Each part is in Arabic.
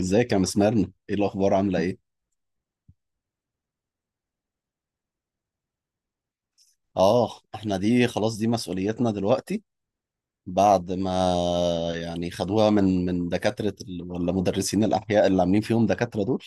ازيك يا مسمارنا، ايه الاخبار؟ عامله ايه؟ اه احنا دي خلاص، دي مسؤوليتنا دلوقتي بعد ما يعني خدوها من دكاتره ولا مدرسين الاحياء اللي عاملين فيهم دكاتره دول.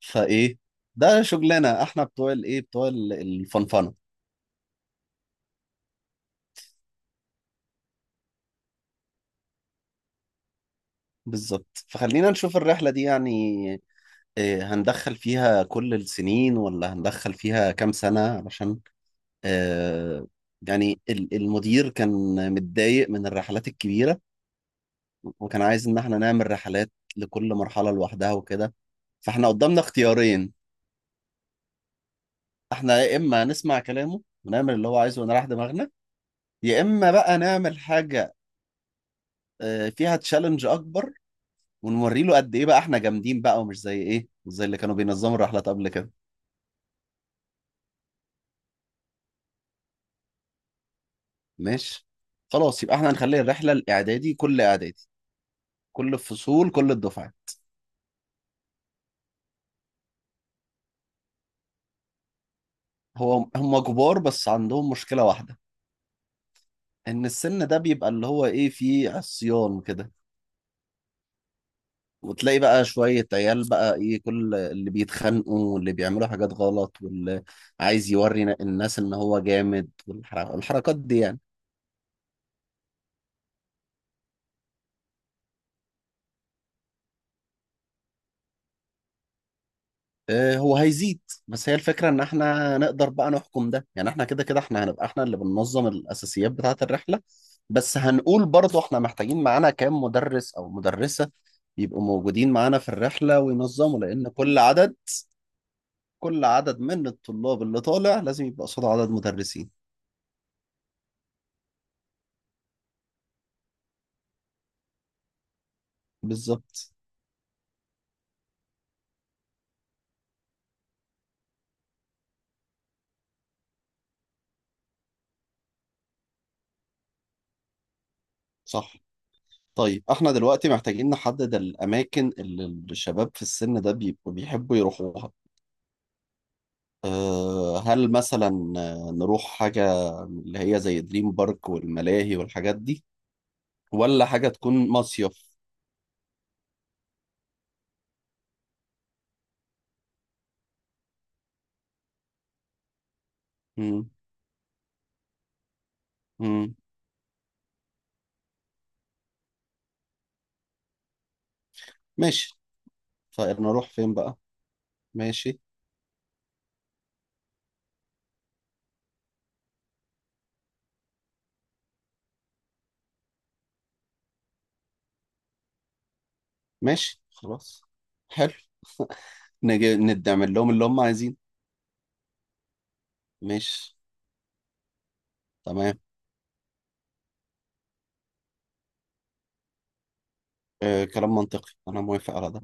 فايه، ده شغلنا احنا بتوع الفنفنه. بالظبط، فخلينا نشوف الرحله دي يعني إيه، هندخل فيها كل السنين ولا هندخل فيها كام سنه؟ علشان آه يعني المدير كان متضايق من الرحلات الكبيره، وكان عايز ان احنا نعمل رحلات لكل مرحلة لوحدها وكده. فاحنا قدامنا اختيارين: احنا يا اما نسمع كلامه ونعمل اللي هو عايزه ونريح دماغنا، يا اما بقى نعمل حاجة فيها تشالنج اكبر ونوري له قد ايه بقى احنا جامدين، بقى ومش زي ايه، مش زي اللي كانوا بينظموا الرحلات قبل كده. ماشي، خلاص يبقى احنا هنخلي الرحلة الاعدادي، كل اعدادي، كل الفصول، كل الدفعات. هو هم كبار بس عندهم مشكلة واحدة: ان السن ده بيبقى اللي هو ايه فيه عصيان كده، وتلاقي بقى شوية عيال بقى ايه كل اللي بيتخانقوا واللي بيعملوا حاجات غلط واللي عايز يوري الناس ان هو جامد، والحركات دي يعني. هو هيزيد، بس هي الفكرة ان احنا نقدر بقى نحكم ده. يعني احنا كده كده احنا هنبقى احنا اللي بننظم الاساسيات بتاعة الرحلة. بس هنقول برضو احنا محتاجين معانا كام مدرس او مدرسة يبقوا موجودين معانا في الرحلة وينظموا، لان كل عدد من الطلاب اللي طالع لازم يبقى قصاده عدد مدرسين. بالظبط، صح. طيب احنا دلوقتي محتاجين نحدد الاماكن اللي الشباب في السن ده بيبقوا بيحبوا يروحوها. أه، هل مثلا نروح حاجة اللي هي زي دريم بارك والملاهي والحاجات دي، ولا حاجة تكون مصيف؟ مم. مم. ماشي. فنروح فين بقى؟ ماشي. ماشي، خلاص، حلو. نجي نعمل لهم اللي هم عايزينه. ماشي. تمام. أه، كلام منطقي، انا موافق على ده.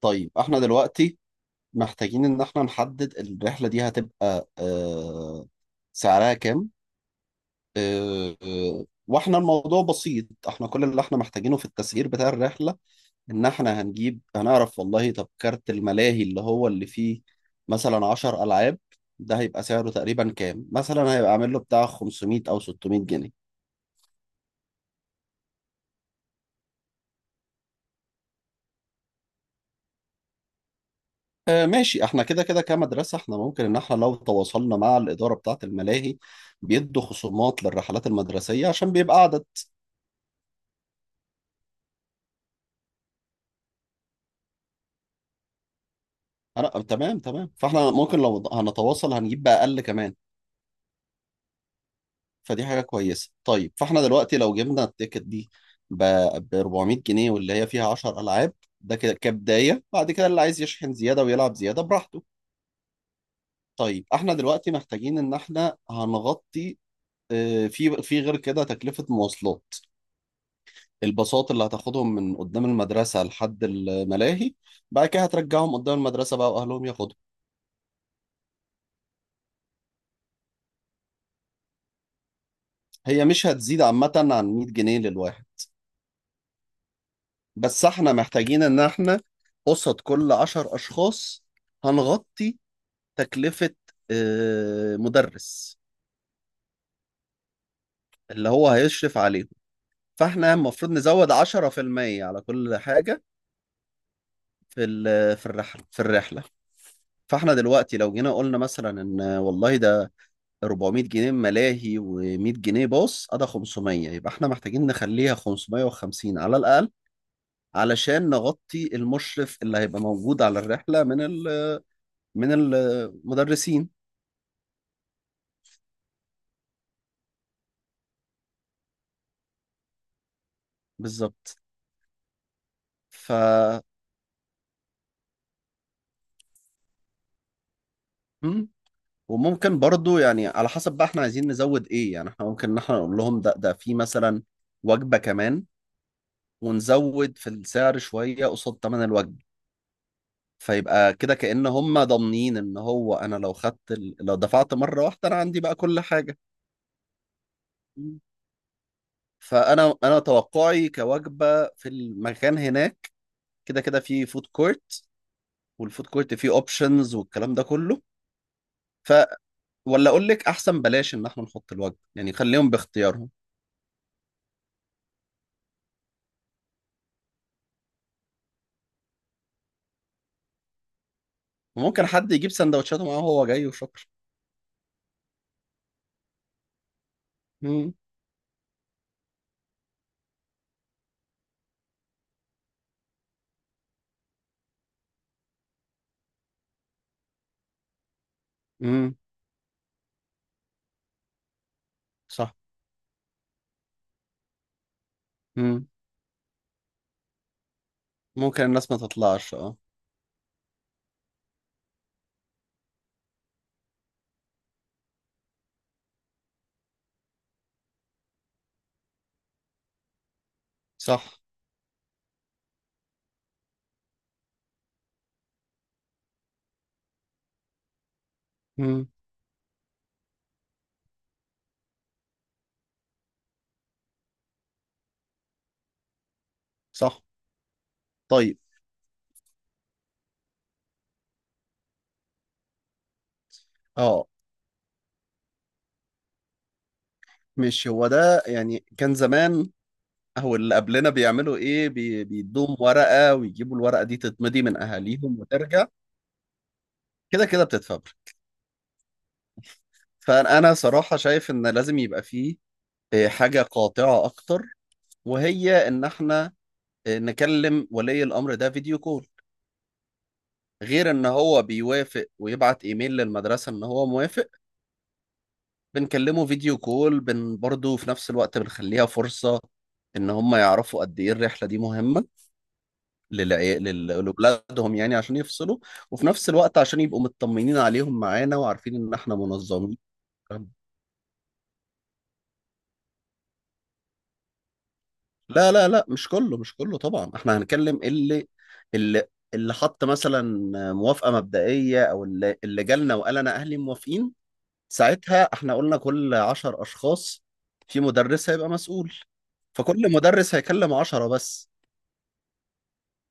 طيب احنا دلوقتي محتاجين إن إحنا نحدد الرحلة دي هتبقى سعرها كام. وإحنا الموضوع بسيط، إحنا كل اللي إحنا محتاجينه في التسعير بتاع الرحلة إن إحنا هنجيب هنعرف والله طب كارت الملاهي اللي هو اللي فيه مثلا 10 ألعاب، ده هيبقى سعره تقريبا كام؟ مثلا هيبقى عامل له بتاع 500 أو 600 جنيه. ماشي، احنا كده كده كمدرسة احنا ممكن ان احنا لو تواصلنا مع الإدارة بتاعة الملاهي بيدوا خصومات للرحلات المدرسية عشان بيبقى عدد. انا تمام تمام، فاحنا ممكن لو هنتواصل هنجيب بأقل كمان. فدي حاجة كويسة. طيب فاحنا دلوقتي لو جبنا التيكت دي ب ب 400 جنيه واللي هي فيها 10 ألعاب، ده كده كبداية، بعد كده اللي عايز يشحن زيادة ويلعب زيادة براحته. طيب احنا دلوقتي محتاجين ان احنا هنغطي في غير كده تكلفة مواصلات، الباصات اللي هتاخدهم من قدام المدرسة لحد الملاهي، بعد كده هترجعهم قدام المدرسة بقى وأهلهم ياخدهم. هي مش هتزيد عامة عن 100 جنيه للواحد. بس احنا محتاجين ان احنا قصاد كل عشر اشخاص هنغطي تكلفة مدرس اللي هو هيشرف عليهم. فاحنا المفروض نزود 10% على كل حاجة في الرحلة. فاحنا دلوقتي لو جينا قلنا مثلا ان والله ده 400 جنيه ملاهي و100 جنيه باص ادي 500، يبقى احنا محتاجين نخليها 550 على الاقل علشان نغطي المشرف اللي هيبقى موجود على الرحلة من من المدرسين. بالظبط. ف... مم. وممكن برضو يعني على حسب بقى احنا عايزين نزود ايه. يعني احنا ممكن ان احنا نقول لهم ده في مثلا وجبة كمان ونزود في السعر شوية قصاد تمن الوجبة، فيبقى كده كأن هم ضامنين ان هو انا لو لو دفعت مرة واحدة انا عندي بقى كل حاجة. مم. فانا توقعي كوجبه في المكان هناك، كده كده في فود كورت، والفود كورت فيه اوبشنز والكلام ده كله. ولا اقول لك احسن بلاش ان احنا نحط الوجبه، يعني خليهم باختيارهم. وممكن حد يجيب سندوتشاته معاه وهو جاي وشكرا. امم. امم. صح. امم. ممكن الناس ما تطلعش، اه. صح. امم. صح. طيب اه، مش هو ده يعني كان زمان او اللي قبلنا بيعملوا ايه بيدوم ورقه ويجيبوا الورقه دي تتمضي من اهاليهم وترجع. كده كده بتتفبرك. فانا صراحه شايف ان لازم يبقى فيه حاجه قاطعه اكتر، وهي ان احنا نكلم ولي الأمر ده فيديو كول، غير ان هو بيوافق ويبعت ايميل للمدرسة ان هو موافق. بنكلمه فيديو كول برضه في نفس الوقت بنخليها فرصة ان هم يعرفوا قد ايه الرحلة دي مهمة لأولادهم، يعني عشان يفصلوا، وفي نفس الوقت عشان يبقوا مطمنين عليهم معانا وعارفين ان احنا منظمين. لا لا لا، مش كله مش كله طبعا. احنا هنكلم اللي اللي حط مثلا موافقة مبدئية او اللي جالنا وقال انا اهلي موافقين. ساعتها احنا قلنا كل عشر اشخاص في مدرس هيبقى مسؤول. فكل مدرس هيكلم عشرة بس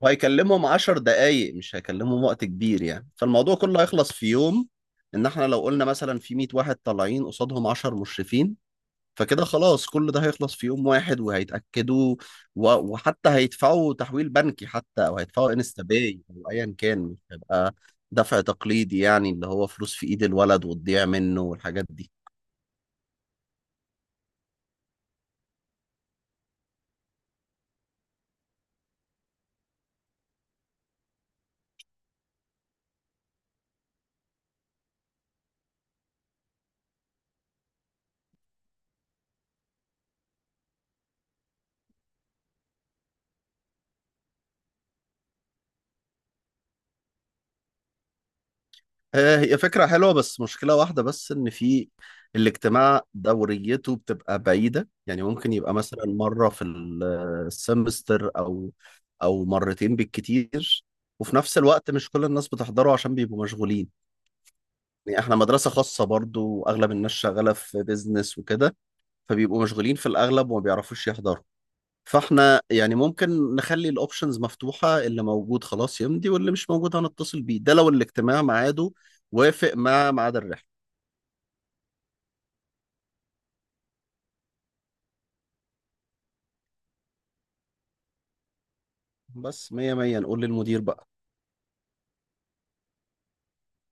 وهيكلمهم 10 دقايق، مش هيكلمهم وقت كبير يعني. فالموضوع كله هيخلص في يوم. ان احنا لو قلنا مثلا في 100 واحد طالعين قصادهم 10 مشرفين، فكده خلاص كل ده هيخلص في يوم واحد. وهيتأكدوا و- وحتى هيدفعوا تحويل بنكي حتى او هيدفعوا انستا باي او ايا كان، مش هيبقى دفع تقليدي يعني اللي هو فلوس في ايد الولد وتضيع منه والحاجات دي. هي فكرة حلوة بس مشكلة واحدة بس، إن في الاجتماع دوريته بتبقى بعيدة. يعني ممكن يبقى مثلا مرة في السمستر أو مرتين بالكتير. وفي نفس الوقت مش كل الناس بتحضره عشان بيبقوا مشغولين. يعني إحنا مدرسة خاصة برضو وأغلب الناس شغالة في بيزنس وكده. فبيبقوا مشغولين في الأغلب وما بيعرفوش يحضروا. فاحنا يعني ممكن نخلي الاوبشنز مفتوحة، اللي موجود خلاص يمضي، واللي مش موجود هنتصل بيه، ده لو الاجتماع ميعاده وافق مع ميعاد الرحلة. بس مية مية، نقول للمدير بقى.